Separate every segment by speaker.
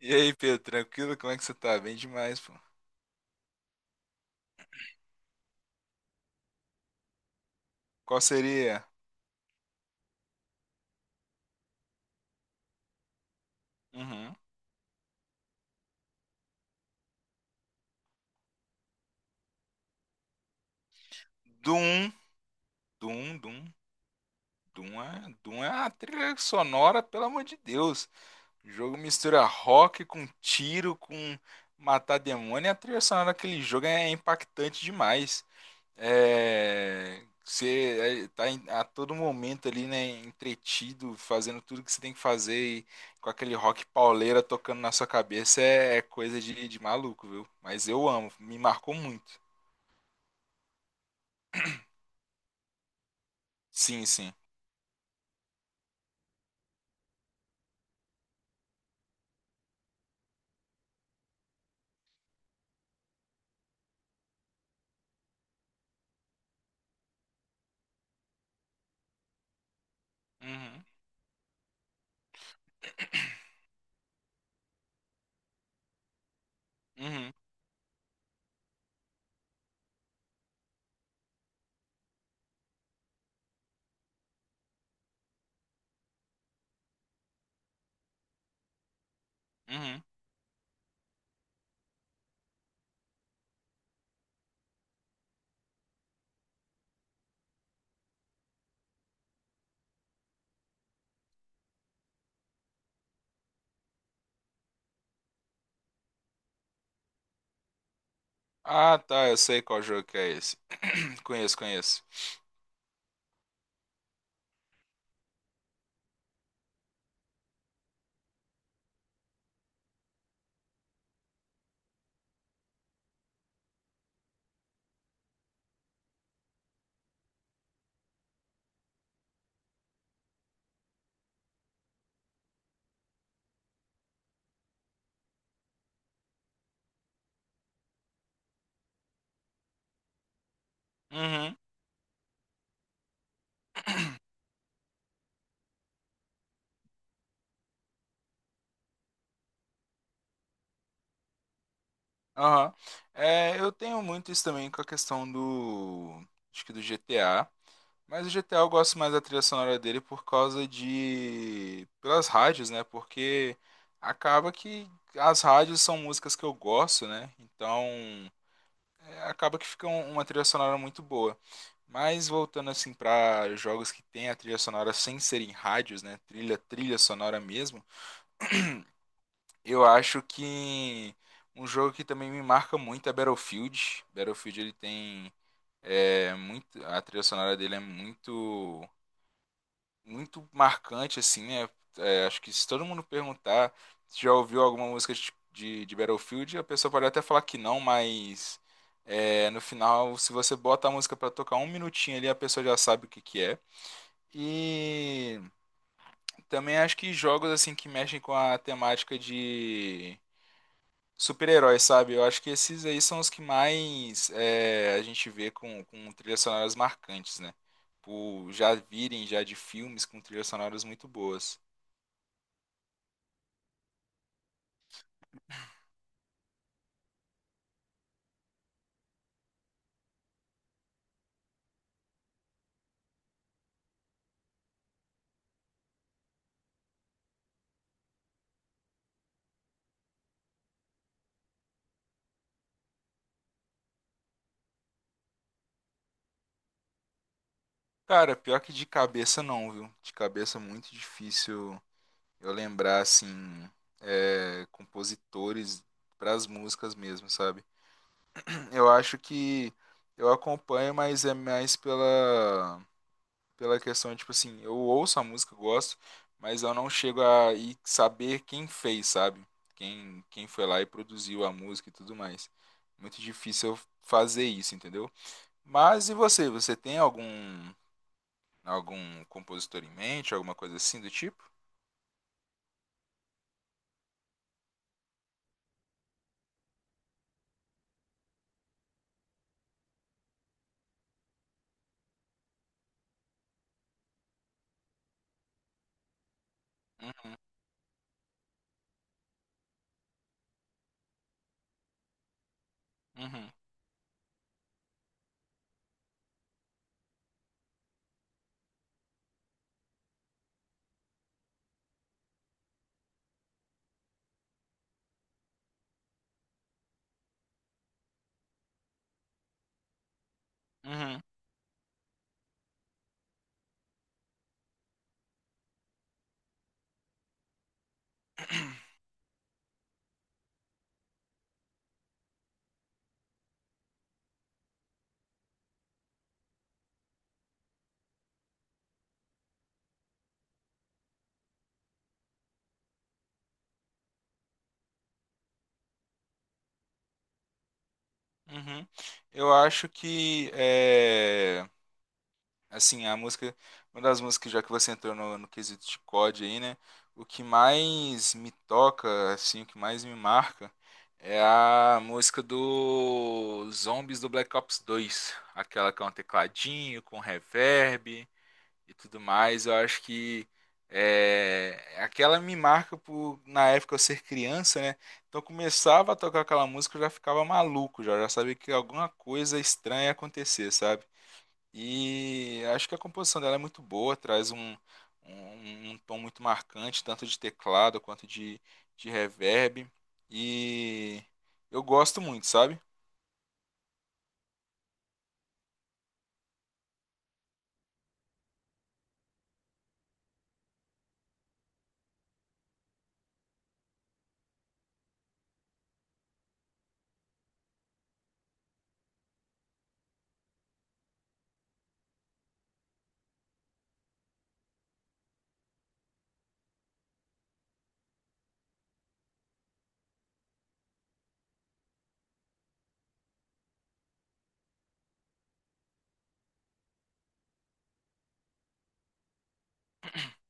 Speaker 1: E aí, Pedro, tranquilo? Como é que você tá? Bem demais, pô. Qual seria? Uhum. Doom, Doom, Doom, Doom é a trilha sonora, pelo amor de Deus. O jogo mistura rock com tiro, com matar demônio, e a trilha sonora daquele jogo é impactante demais. Tá a todo momento ali, né, entretido, fazendo tudo que você tem que fazer e com aquele rock pauleira tocando na sua cabeça é coisa de maluco, viu? Mas eu amo, me marcou muito. Sim, sim. Uhum, uhum, uhum. Ah, tá, eu sei qual jogo que é esse. Conheço, conheço. Uhum, aham. É, eu tenho muito isso também com a questão do, acho que do GTA. Mas o GTA eu gosto mais da trilha sonora dele por causa de pelas rádios, né? Porque acaba que as rádios são músicas que eu gosto, né? Então acaba que fica uma trilha sonora muito boa. Mas voltando assim para jogos que tem a trilha sonora sem serem rádios, né? Trilha sonora mesmo. Eu acho que um jogo que também me marca muito é Battlefield. Battlefield ele tem a trilha sonora dele é muito marcante, assim, né? É, acho que se todo mundo perguntar se já ouviu alguma música de Battlefield, a pessoa pode até falar que não, mas é, no final, se você bota a música pra tocar um minutinho ali, a pessoa já sabe o que que é. E também acho que jogos assim que mexem com a temática de super-heróis, sabe? Eu acho que esses aí são os que mais a gente vê com trilhas sonoras marcantes, né? Por já virem já de filmes com trilhas sonoras muito boas. Cara, pior que de cabeça não, viu? De cabeça é muito difícil eu lembrar, assim, é, compositores pras músicas mesmo, sabe? Eu acho que eu acompanho, mas é mais pela questão, tipo assim, eu ouço a música, eu gosto, mas eu não chego a ir saber quem fez, sabe? Quem foi lá e produziu a música e tudo mais. Muito difícil eu fazer isso, entendeu? Mas e você? Você tem algum, algum compositor em mente, alguma coisa assim do tipo? Uhum, uhum, uhum, uhum. Eu acho que é, assim, uma das músicas, já que você entrou no, no quesito de COD aí, né? O que mais me toca, assim, o que mais me marca é a música do Zombies do Black Ops dois, aquela com tecladinho, com reverb e tudo mais. Eu acho que aquela me marca por na época eu ser criança, né? Então eu começava a tocar aquela música, eu já ficava maluco, já, já sabia que alguma coisa estranha ia acontecer, sabe? E acho que a composição dela é muito boa, traz um, um tom muito marcante, tanto de teclado quanto de reverb. E eu gosto muito, sabe?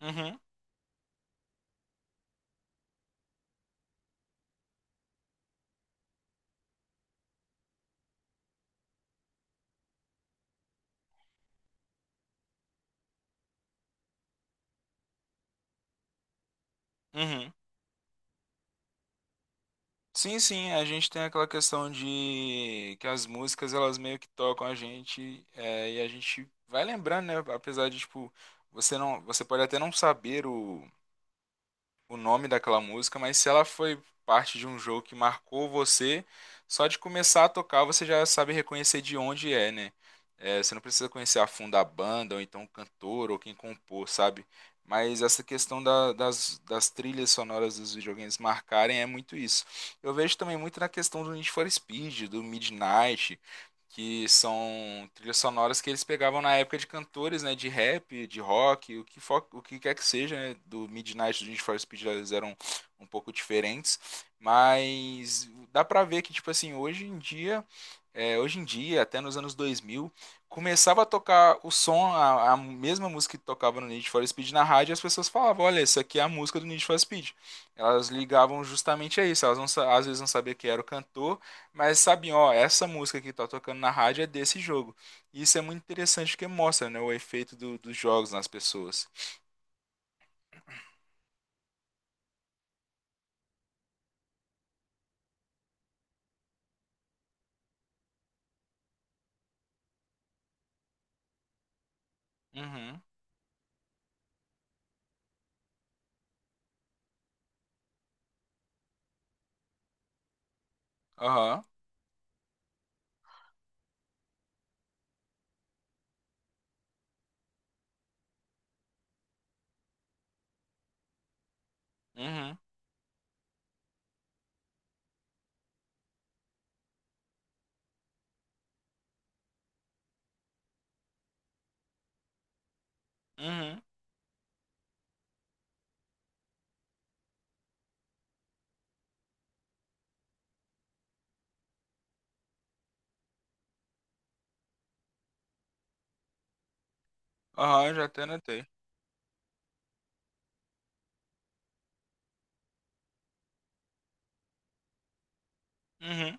Speaker 1: Uhum, uhum. Sim, sim, a gente tem aquela questão de que as músicas elas meio que tocam a gente e a gente vai lembrando, né? Apesar de tipo você não, você pode até não saber o nome daquela música, mas se ela foi parte de um jogo que marcou você, só de começar a tocar você já sabe reconhecer de onde é, né? É, você não precisa conhecer a fundo a banda, ou então o cantor, ou quem compôs, sabe? Mas essa questão da- das, das trilhas sonoras dos videogames marcarem é muito isso. Eu vejo também muito na questão do Need for Speed, do Midnight, que são trilhas sonoras que eles pegavam na época de cantores, né, de rap, de rock, o que, o que quer que seja, né, do Midnight, do Need for Speed, eles eram um pouco diferentes, mas dá pra ver que, tipo assim, hoje em dia, é, hoje em dia, até nos anos 2000, começava a tocar o som, a mesma música que tocava no Need for Speed na rádio, e as pessoas falavam, olha, isso aqui é a música do Need for Speed. Elas ligavam justamente a isso, elas não, sa- às vezes não sabiam quem era o cantor, mas sabem, ó, essa música que tá tocando na rádio é desse jogo. E isso é muito interessante porque mostra, né, o efeito dos jogos nas pessoas. Uhum, aham, uhum, uhum, aham, já até anotei. Uhum.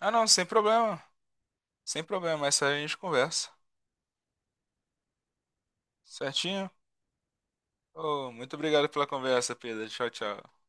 Speaker 1: Ah, não, sem problema, sem problema, essa a gente conversa. Certinho? Oh, muito obrigado pela conversa, Pedro. Tchau, tchau.